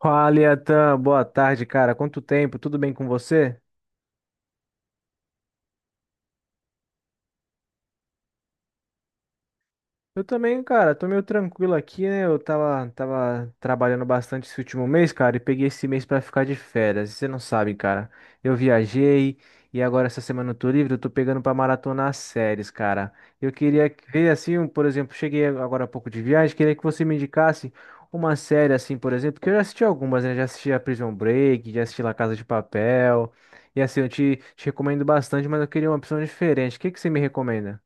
Fala, Iatan, boa tarde, cara. Quanto tempo? Tudo bem com você? Eu também, cara, tô meio tranquilo aqui, né? Eu tava trabalhando bastante esse último mês, cara, e peguei esse mês pra ficar de férias. Você não sabe, cara. Eu viajei e agora essa semana eu tô livre, eu tô pegando pra maratonar as séries, cara. Eu queria ver, assim, por exemplo, cheguei agora há pouco de viagem, queria que você me indicasse uma série, assim, por exemplo, que eu já assisti algumas, né? Já assisti a Prison Break, já assisti La Casa de Papel. E assim, eu te recomendo bastante, mas eu queria uma opção diferente. O que que você me recomenda?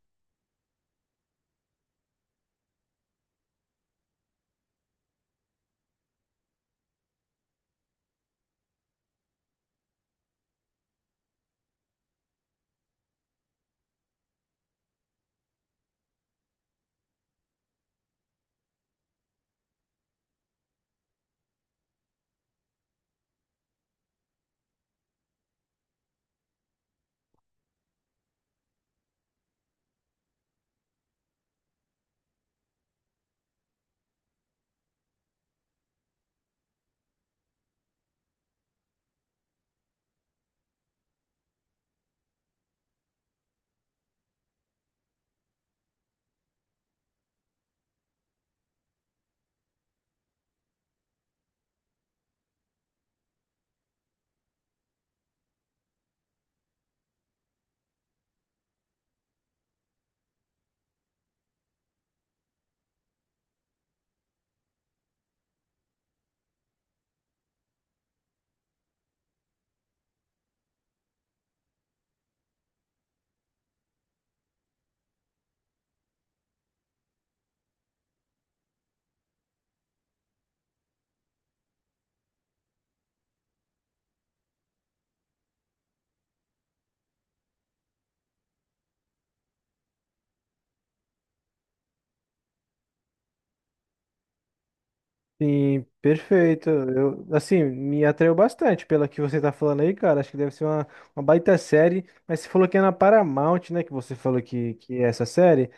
Sim, perfeito. Eu, assim, me atraiu bastante pela que você tá falando aí, cara. Acho que deve ser uma baita série. Mas você falou que é na Paramount, né? Que você falou que é essa série.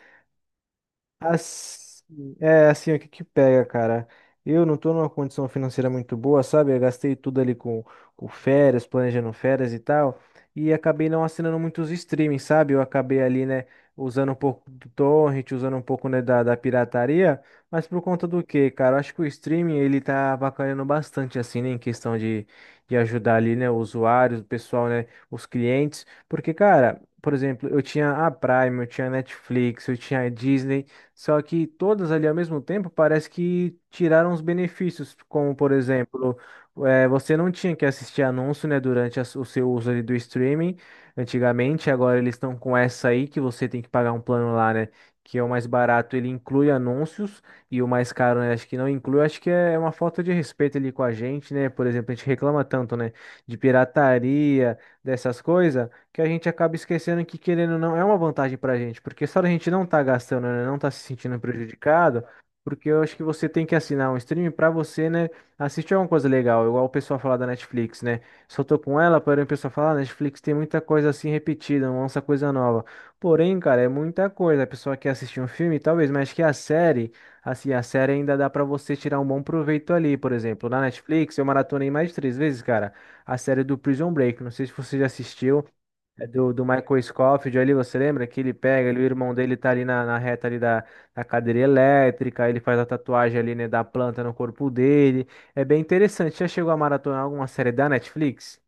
Assim, é assim, o que que pega, cara? Eu não tô numa condição financeira muito boa, sabe? Eu gastei tudo ali com férias, planejando férias e tal, e acabei não assinando muitos streamings, sabe? Eu acabei ali, né, usando um pouco do torrent, usando um pouco, né, da pirataria, mas por conta do quê, cara? Eu acho que o streaming, ele tá avacalhando bastante, assim, né, de ajudar ali, né, os usuários, o pessoal, né, os clientes, porque, cara... Por exemplo, eu tinha a Prime, eu tinha a Netflix, eu tinha a Disney, só que todas ali ao mesmo tempo parece que tiraram os benefícios, como por exemplo, você não tinha que assistir anúncio, né, durante a o seu uso ali do streaming antigamente. Agora eles estão com essa aí que você tem que pagar um plano lá, né? Que é o mais barato, ele inclui anúncios, e o mais caro, né? Acho que não inclui. Acho que é uma falta de respeito ali com a gente, né? Por exemplo, a gente reclama tanto, né? De pirataria, dessas coisas, que a gente acaba esquecendo que, querendo ou não, é uma vantagem pra gente, porque só a gente não tá gastando, né, não tá se sentindo prejudicado, porque eu acho que você tem que assinar um stream pra você, né, assistir alguma coisa legal, igual o pessoal fala da Netflix, né? Só tô com ela, porém o pessoal fala, ah, Netflix tem muita coisa assim repetida, não lança coisa nova. Porém, cara, é muita coisa. A pessoa quer assistir um filme, talvez, mas acho que a série, assim, a série ainda dá pra você tirar um bom proveito ali. Por exemplo, na Netflix, eu maratonei mais de 3 vezes, cara, a série do Prison Break, não sei se você já assistiu. É do, do Michael Scofield ali, você lembra? Que ele pega, ele, o irmão dele tá ali na reta ali da cadeira elétrica, ele faz a tatuagem ali, né, da planta no corpo dele. É bem interessante. Já chegou a maratonar alguma série da Netflix?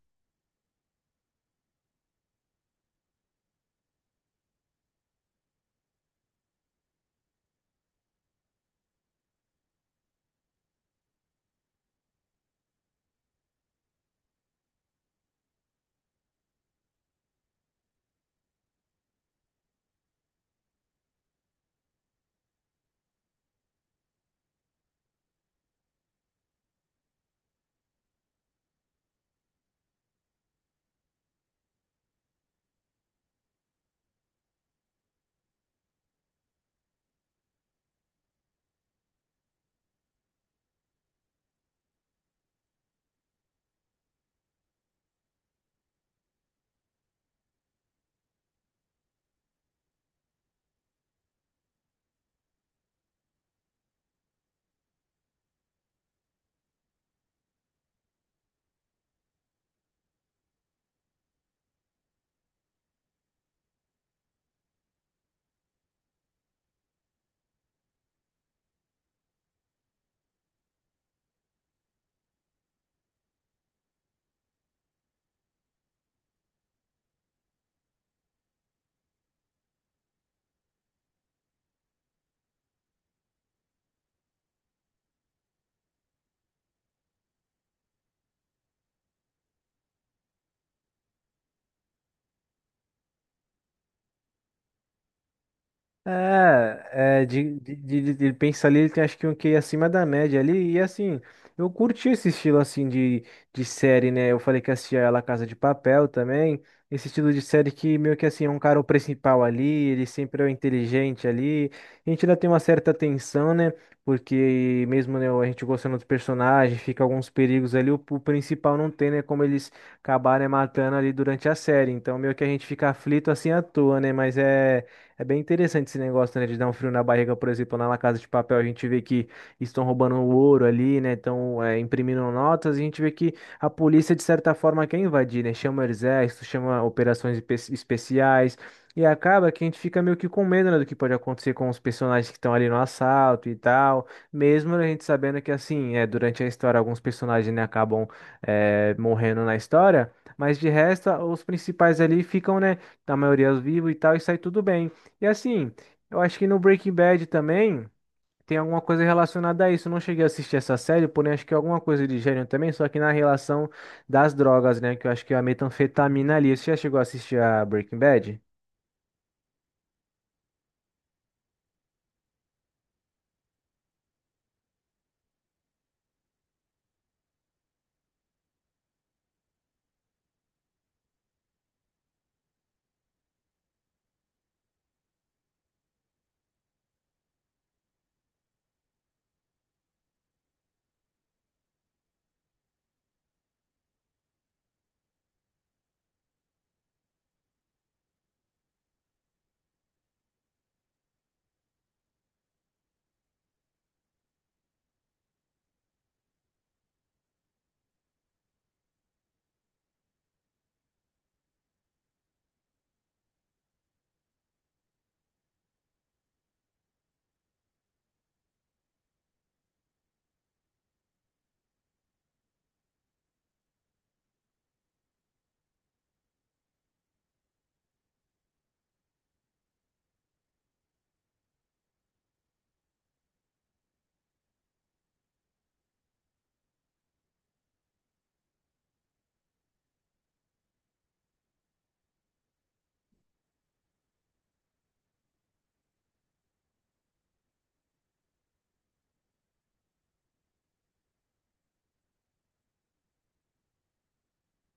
É, ele pensa ali, ele tem acho que um QI acima da média ali, e assim, eu curti esse estilo assim de série, né? Eu falei que assistia a La Casa de Papel também, esse estilo de série que meio que assim, é um cara o principal ali, ele sempre é o inteligente ali, a gente ainda tem uma certa tensão, né? Porque mesmo, né, a gente gostando dos personagens, fica alguns perigos ali, o principal não tem, né, como eles acabarem matando ali durante a série, então meio que a gente fica aflito assim à toa, né? Mas é. É bem interessante esse negócio, né, de dar um frio na barriga. Por exemplo, na La Casa de Papel, a gente vê que estão roubando o ouro ali, né, estão imprimindo notas, e a gente vê que a polícia, de certa forma, quer invadir, né, chama o exército, chama operações especiais, e acaba que a gente fica meio que com medo, né, do que pode acontecer com os personagens que estão ali no assalto e tal, mesmo a gente sabendo que, assim, durante a história, alguns personagens, né, acabam morrendo na história, mas de resto, os principais ali ficam, né, a maioria vivos e tal, e sai tudo bem. E assim, eu acho que no Breaking Bad também tem alguma coisa relacionada a isso. Eu não cheguei a assistir essa série, porém acho que é alguma coisa de gênero também, só que na relação das drogas, né? Que eu acho que é a metanfetamina ali. Você já chegou a assistir a Breaking Bad?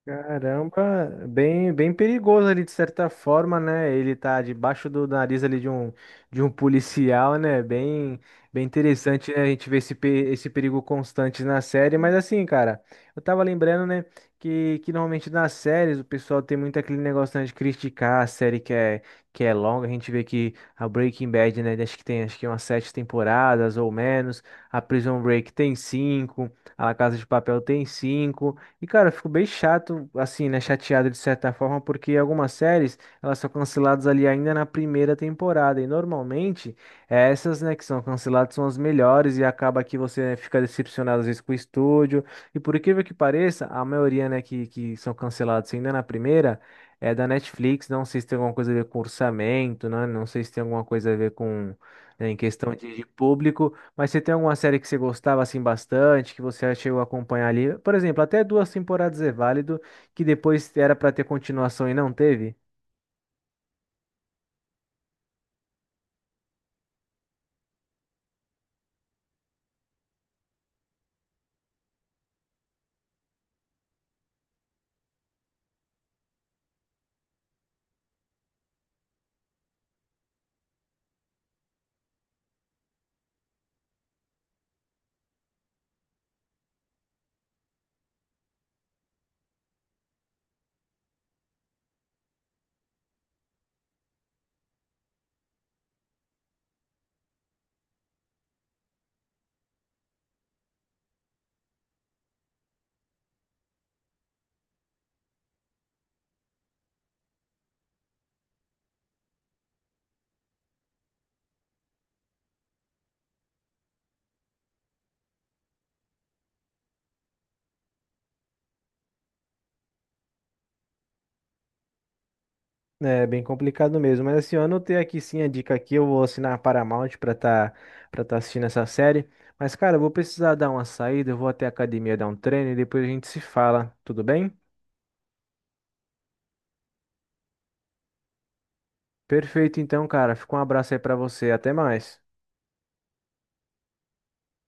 Caramba, bem, bem perigoso ali de certa forma, né? Ele tá debaixo do nariz ali de um policial, né? Bem, bem interessante, né? A gente vê esse, esse perigo constante na série, mas assim, cara, eu tava lembrando, né, que normalmente nas séries o pessoal tem muito aquele negócio, né, de criticar a série que é longa. A gente vê que a Breaking Bad, né, acho que tem acho que umas 7 temporadas ou menos, a Prison Break tem 5, a La Casa de Papel tem 5. E, cara, eu fico bem chato, assim, né? Chateado de certa forma, porque algumas séries, elas são canceladas ali ainda na primeira temporada. E normalmente, essas, né, que são canceladas são as melhores e acaba que você, né, fica decepcionado às vezes com o estúdio. E por incrível que pareça, a maioria, né, que são canceladas ainda na primeira é da Netflix. Não sei se tem alguma coisa a ver com orçamento, né? Não sei se tem alguma coisa a ver com, né, em questão de público. Mas você tem alguma série que você gostava assim bastante, que você chegou a acompanhar ali? Por exemplo, até 2 temporadas é válido, que depois era pra ter continuação e não teve? É bem complicado mesmo, mas assim, eu anotei aqui sim a dica aqui, eu vou assinar a Paramount pra tá assistindo essa série. Mas cara, eu vou precisar dar uma saída, eu vou até a academia dar um treino e depois a gente se fala, tudo bem? Perfeito então, cara, fica um abraço aí pra você, até mais.